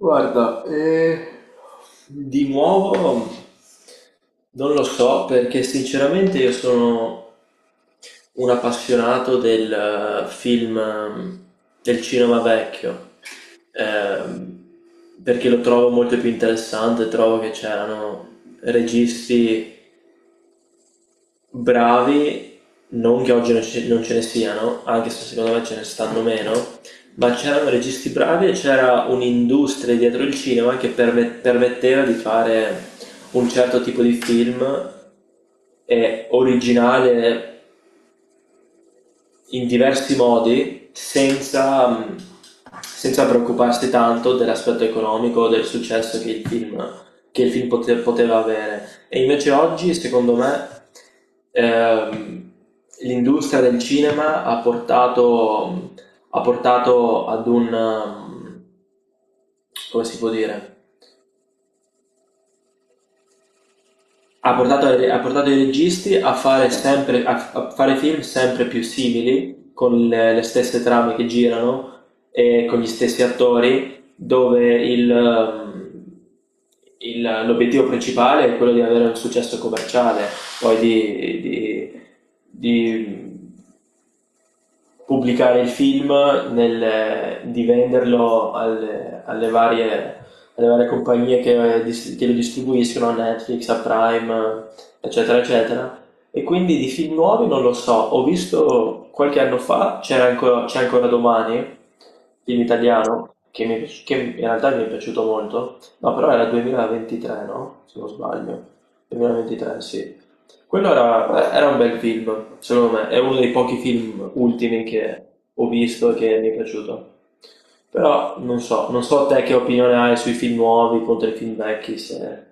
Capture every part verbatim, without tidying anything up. Guarda, eh, di nuovo non lo so, perché sinceramente io sono un appassionato del eh, film, ehm, del cinema vecchio, ehm, perché lo trovo molto più interessante. Trovo che c'erano registi bravi, non che oggi non ce non ce ne siano, anche se secondo me ce ne stanno meno, ma c'erano registi bravi e c'era un'industria dietro il cinema che perme- permetteva di fare un certo tipo di film eh, originale in diversi modi senza, mm, senza preoccuparsi tanto dell'aspetto economico o del successo che il film, che il film pote- poteva avere. E invece oggi, secondo me, ehm, l'industria del cinema ha portato, ha portato ad un, mm, come si può dire? Ha portato, ha portato i registi a fare, sempre, a, a fare film sempre più simili, con le, le stesse trame che girano e con gli stessi attori, dove il, um, il- l'obiettivo principale è quello di avere un successo commerciale, poi di, di- di pubblicare il film, nel, di venderlo alle, alle varie, alle varie compagnie che, dis- che lo distribuiscono, a Netflix, a Prime, eccetera, eccetera. E quindi di film nuovi non lo so. Ho visto qualche anno fa, c'era ancora, c'è ancora domani, film italiano, che, mi- che in realtà mi è piaciuto molto, no, però era duemilaventitré, no? Se non sbaglio, duemilaventitré, sì. Quello era, era un bel film, secondo me, è uno dei pochi film ultimi che ho visto e che mi è piaciuto. Però non so, non so te che opinione hai sui film nuovi contro i film vecchi. Se...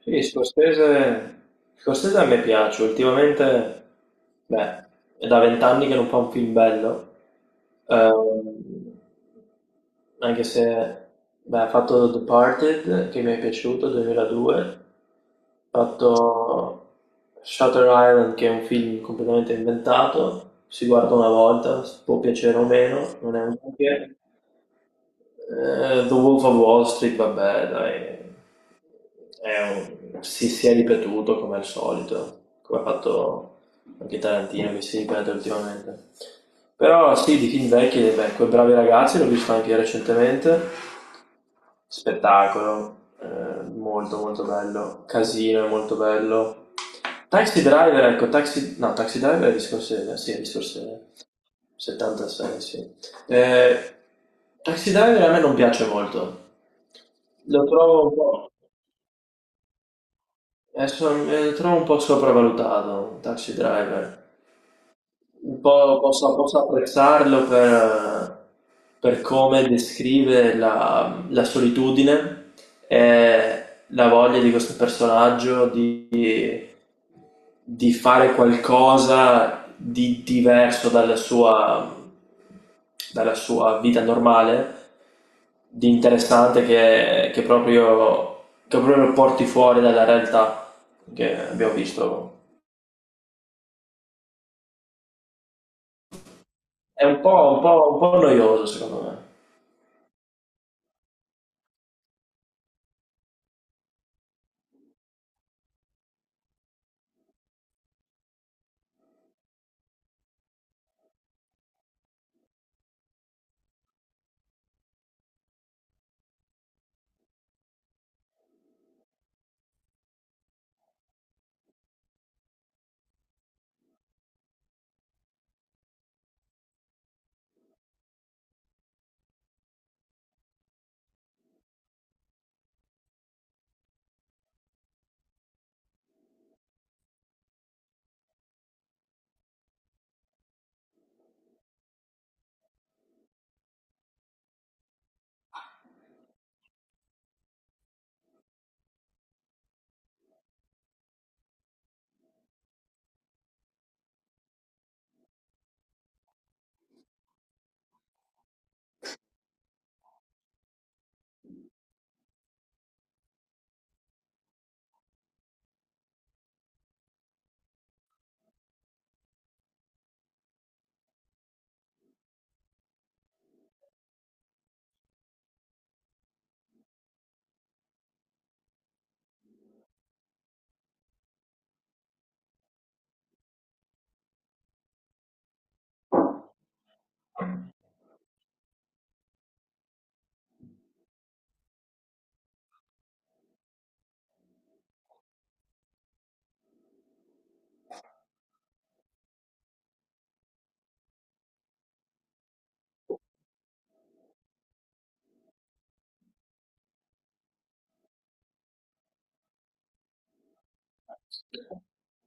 Sì, Scorsese, Scorsese a me piace. Ultimamente, beh, è da vent'anni che non fa un film bello. Ehm, anche se, beh, ha fatto The Departed, che mi è piaciuto, duemiladue. Ho fatto Shutter Island, che è un film completamente inventato, si guarda una volta, può piacere o meno, non è un granché. Eh, The Wolf of Wall Street, vabbè, dai, è un- si, si è ripetuto come al solito, come ha fatto anche Tarantino, che si ripete ultimamente. Però sì, di film vecchi, beh, Quei bravi ragazzi l'ho visto anche recentemente. Spettacolo, eh, molto molto bello. Casino è molto bello. Taxi Driver, ecco, Taxi... No, Taxi Driver è di Scorsese, sì, è di Scorsese. settantasei, sì. Eh, Taxi Driver a me non piace molto. Lo trovo un po', eh, so- eh, lo trovo un po' sopravvalutato, Taxi Driver. Un po' posso, posso apprezzarlo per, per come descrive la, la solitudine e la voglia di questo personaggio di, di fare qualcosa di diverso dalla sua, dalla sua vita normale, di interessante che, che proprio, che proprio lo porti fuori dalla realtà che abbiamo visto. È un po', un po', un po' noioso, secondo me.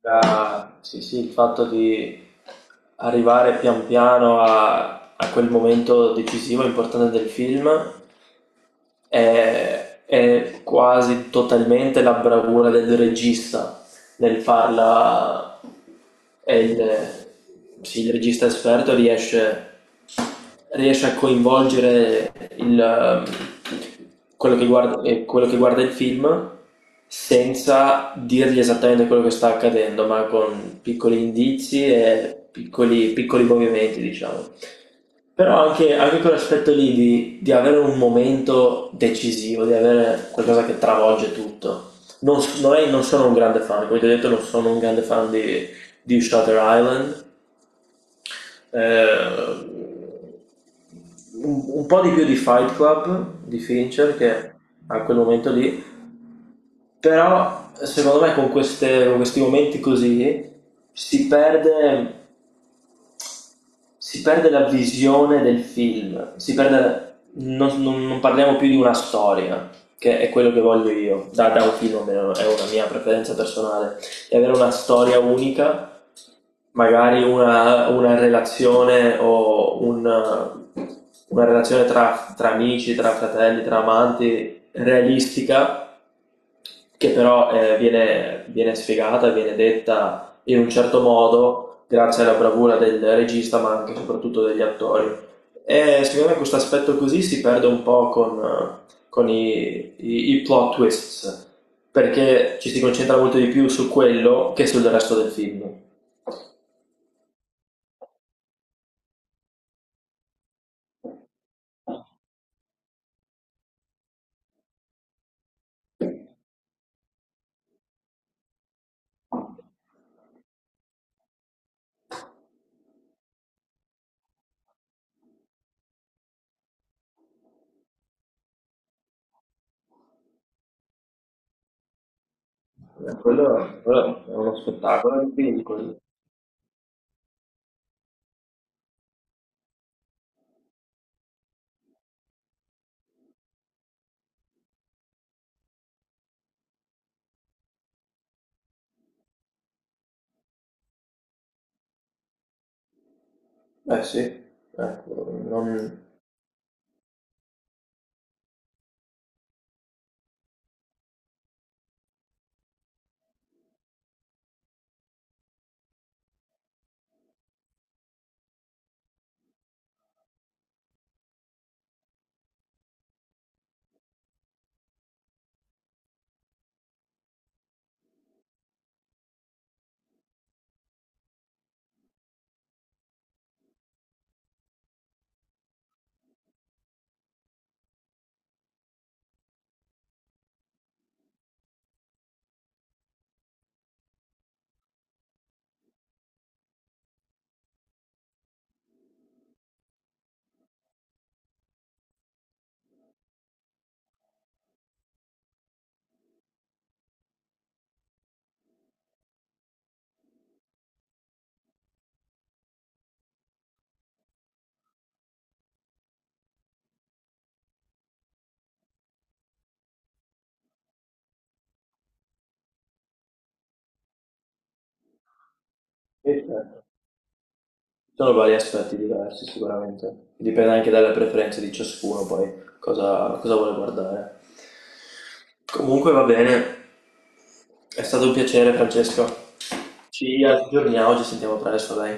Ah, sì, sì, il fatto di arrivare pian piano a, a quel momento decisivo e importante del film è, è quasi totalmente la bravura del regista nel farla e il, sì, il regista esperto riesce, riesce a coinvolgere il, quello che guarda, eh, quello che guarda il film senza dirgli esattamente quello che sta accadendo, ma con piccoli indizi e piccoli, piccoli movimenti, diciamo. Però anche, anche quell'aspetto lì di, di avere un momento decisivo, di avere qualcosa che travolge tutto. Non, s- non è- Non sono un grande fan, come ti ho detto, non sono un grande fan di, di Shutter Island. Eh, un, un po' di più di Fight Club, di Fincher, che a quel momento lì. Però secondo me con queste- con questi momenti così si perde. Si perde la visione del film, si perde, non non non parliamo più di una storia, che è quello che voglio io, da da un film, almeno è una mia preferenza personale, di avere una storia unica, magari una una relazione o un una relazione tra tra amici, tra fratelli, tra amanti realistica, che però, eh, viene, viene sfegata, viene detta in un certo modo, grazie alla bravura del regista, ma anche e soprattutto degli attori. E secondo me questo aspetto così si perde un po' con, eh, con i, i- i plot twists, perché ci si concentra molto di più su quello che sul resto del film. Eh, Quello, quello è uno spettacolo di film, quello. Eh sì, ecco, non... Sì, certo. Sono vari aspetti diversi sicuramente, dipende anche dalle preferenze di ciascuno, poi cosa, cosa vuole guardare. Comunque va bene, è stato un piacere, Francesco, ci aggiorniamo, ci sentiamo presto, dai.